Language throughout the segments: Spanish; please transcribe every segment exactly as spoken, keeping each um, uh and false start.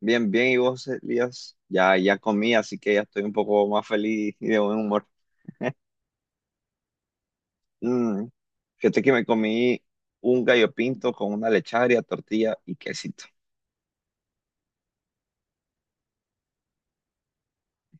Bien, bien, y vos, Elías, ya, ya comí, así que ya estoy un poco más feliz y de buen humor. Mm, Fíjate que me comí un gallo pinto con una lecharia, tortilla y quesito.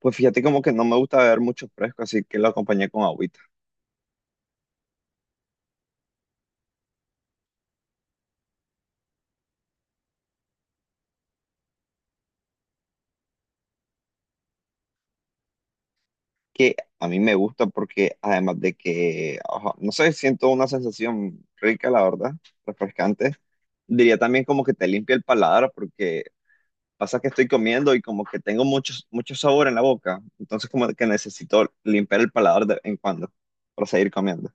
Pues fíjate como que no me gusta beber mucho fresco, así que lo acompañé con agüita, que a mí me gusta porque además de que, ajá, no sé, siento una sensación rica, la verdad, refrescante. Diría también como que te limpia el paladar porque pasa que estoy comiendo y como que tengo mucho, mucho sabor en la boca, entonces como que necesito limpiar el paladar de vez en cuando para seguir comiendo.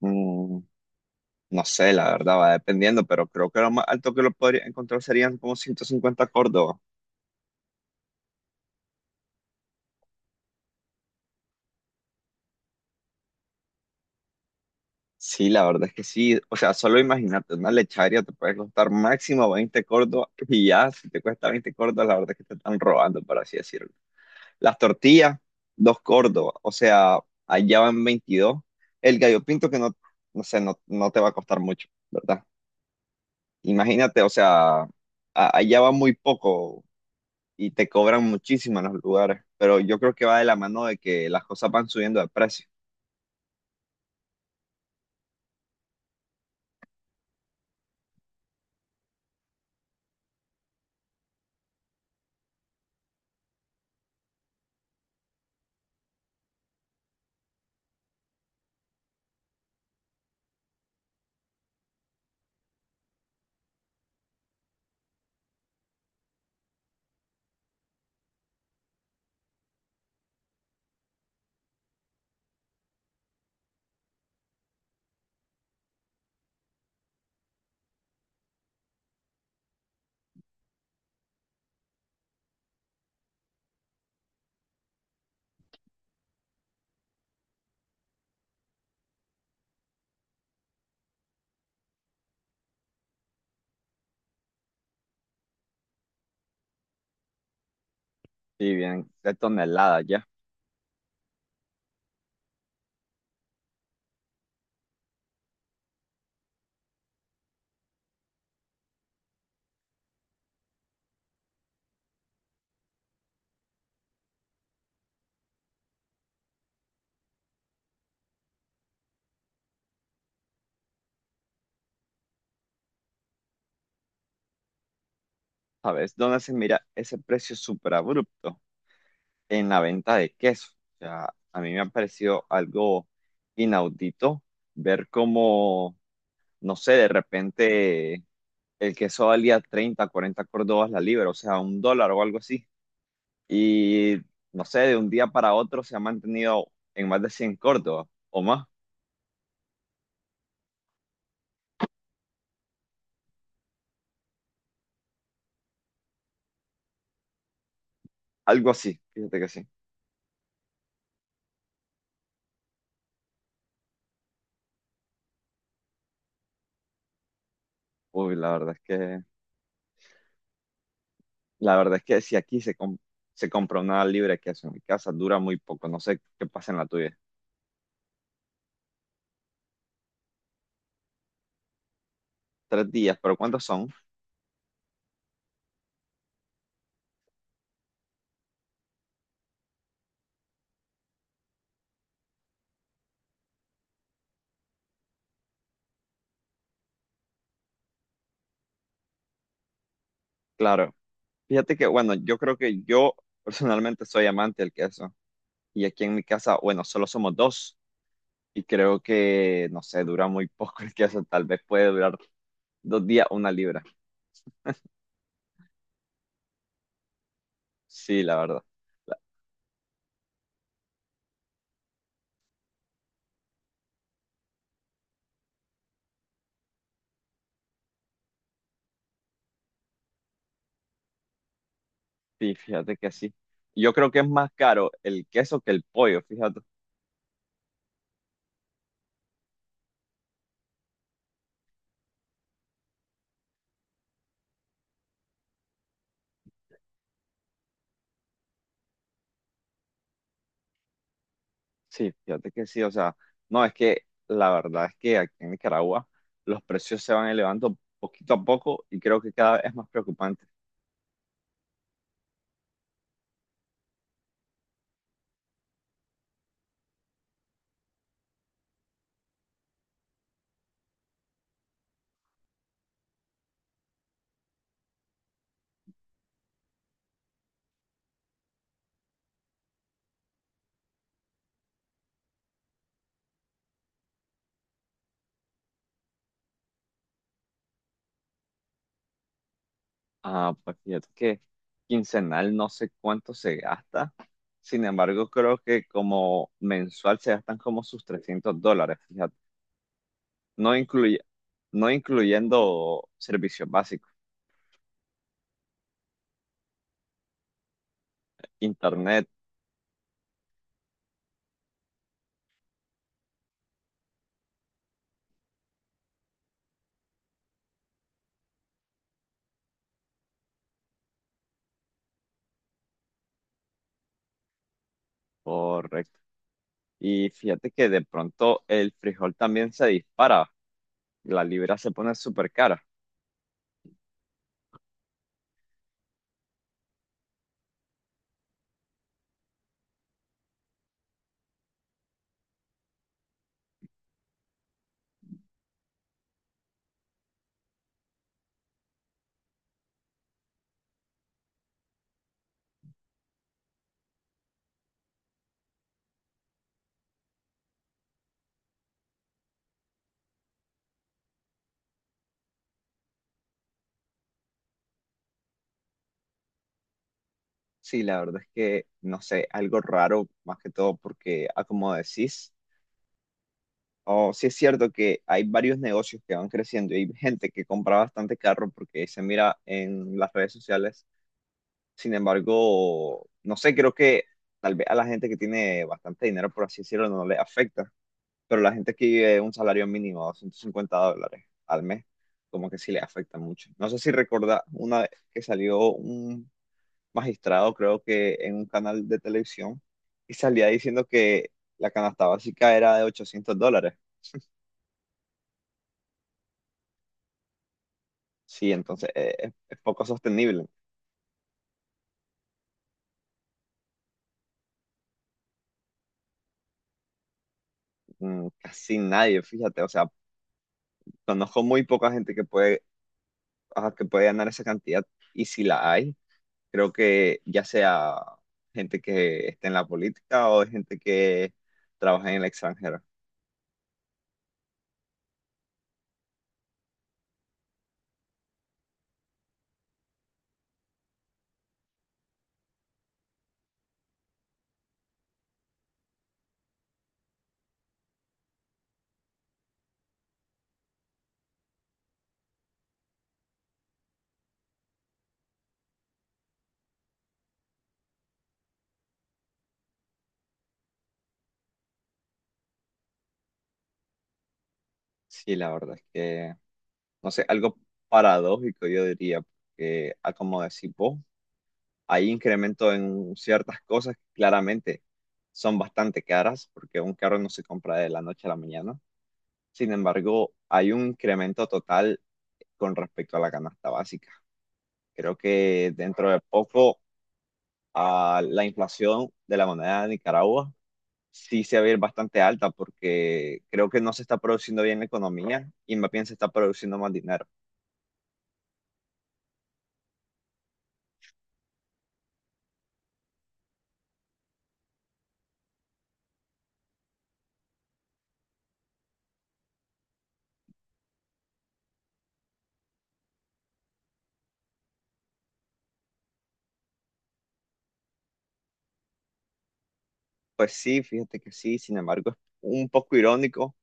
Mm, no sé, la verdad, va dependiendo, pero creo que lo más alto que lo podría encontrar serían como ciento cincuenta Córdoba. Sí, la verdad es que sí. O sea, solo imagínate, una lecharia te puede costar máximo veinte Córdoba y ya, si te cuesta veinte Córdoba, la verdad es que te están robando, por así decirlo. Las tortillas, dos Córdoba, o sea, allá van veintidós. El gallo pinto que no, no sé, no, no te va a costar mucho, ¿verdad? Imagínate, o sea, a- allá va muy poco y te cobran muchísimo en los lugares, pero yo creo que va de la mano de que las cosas van subiendo de precio. Y bien, de tonelada ya, ¿sabes? ¿Dónde se mira ese precio súper abrupto? En la venta de queso. O sea, a mí me ha parecido algo inaudito ver cómo, no sé, de repente el queso valía treinta cuarenta córdobas la libra, o sea, un dólar o algo así. Y no sé, de un día para otro se ha mantenido en más de cien córdobas o más, algo así, fíjate que sí. Uy, la verdad es que, la verdad es que si aquí se, com- se compra una libra de queso en mi casa, dura muy poco, no sé qué pasa en la tuya. Tres días, pero ¿cuántos son? Claro, fíjate que, bueno, yo creo que yo personalmente soy amante del queso. Y aquí en mi casa, bueno, solo somos dos. Y creo que, no sé, dura muy poco el queso, tal vez puede durar dos días una libra. Sí, la verdad. La- Sí, fíjate que sí. Yo creo que es más caro el queso que el pollo, fíjate. Sí, fíjate que sí, o sea, no, es que la verdad es que aquí en Nicaragua los precios se van elevando poquito a poco y creo que cada vez es más preocupante. Ah, pues fíjate que quincenal no sé cuánto se gasta, sin embargo creo que como mensual se gastan como sus trescientos dólares, fíjate. no incluye, no incluyendo servicios básicos, internet, correcto. Y fíjate que de pronto el frijol también se dispara, la libra se pone súper cara. Sí, la verdad es que, no sé, algo raro, más que todo porque, ah, como decís, o sí, es cierto que hay varios negocios que van creciendo y hay gente que compra bastante carro porque se mira en las redes sociales. Sin embargo, no sé, creo que tal vez a la gente que tiene bastante dinero, por así decirlo, no le afecta, pero la gente que vive un salario mínimo de ciento cincuenta dólares al mes, como que sí le afecta mucho. No sé si recuerda una vez que salió un magistrado, creo que en un canal de televisión, y salía diciendo que la canasta básica era de ochocientos dólares. Sí, entonces eh, es, es poco sostenible. Mm, Casi nadie, fíjate, o sea, conozco muy poca gente que puede, ajá, que puede ganar esa cantidad. Y si la hay, creo que ya sea gente que esté en la política o gente que trabaja en el extranjero. Sí, la verdad es que, no sé, algo paradójico, yo diría, porque, ah, como decís vos, hay incremento en ciertas cosas que claramente son bastante caras, porque un carro no se compra de la noche a la mañana. Sin embargo, hay un incremento total con respecto a la canasta básica. Creo que dentro de poco a la inflación de la moneda de Nicaragua sí se va a ir bastante alta, porque creo que no se está produciendo bien la economía y más bien se está produciendo más dinero. Pues sí, fíjate que sí, sin embargo, es un poco irónico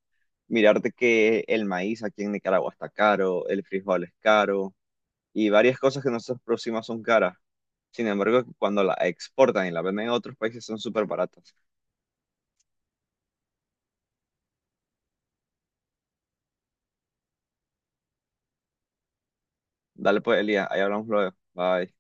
mirarte que el maíz aquí en Nicaragua está caro, el frijol es caro y varias cosas que nosotros producimos son caras. Sin embargo, cuando la exportan y la venden en otros países son súper baratas. Dale pues, Elías, ahí hablamos luego. Bye.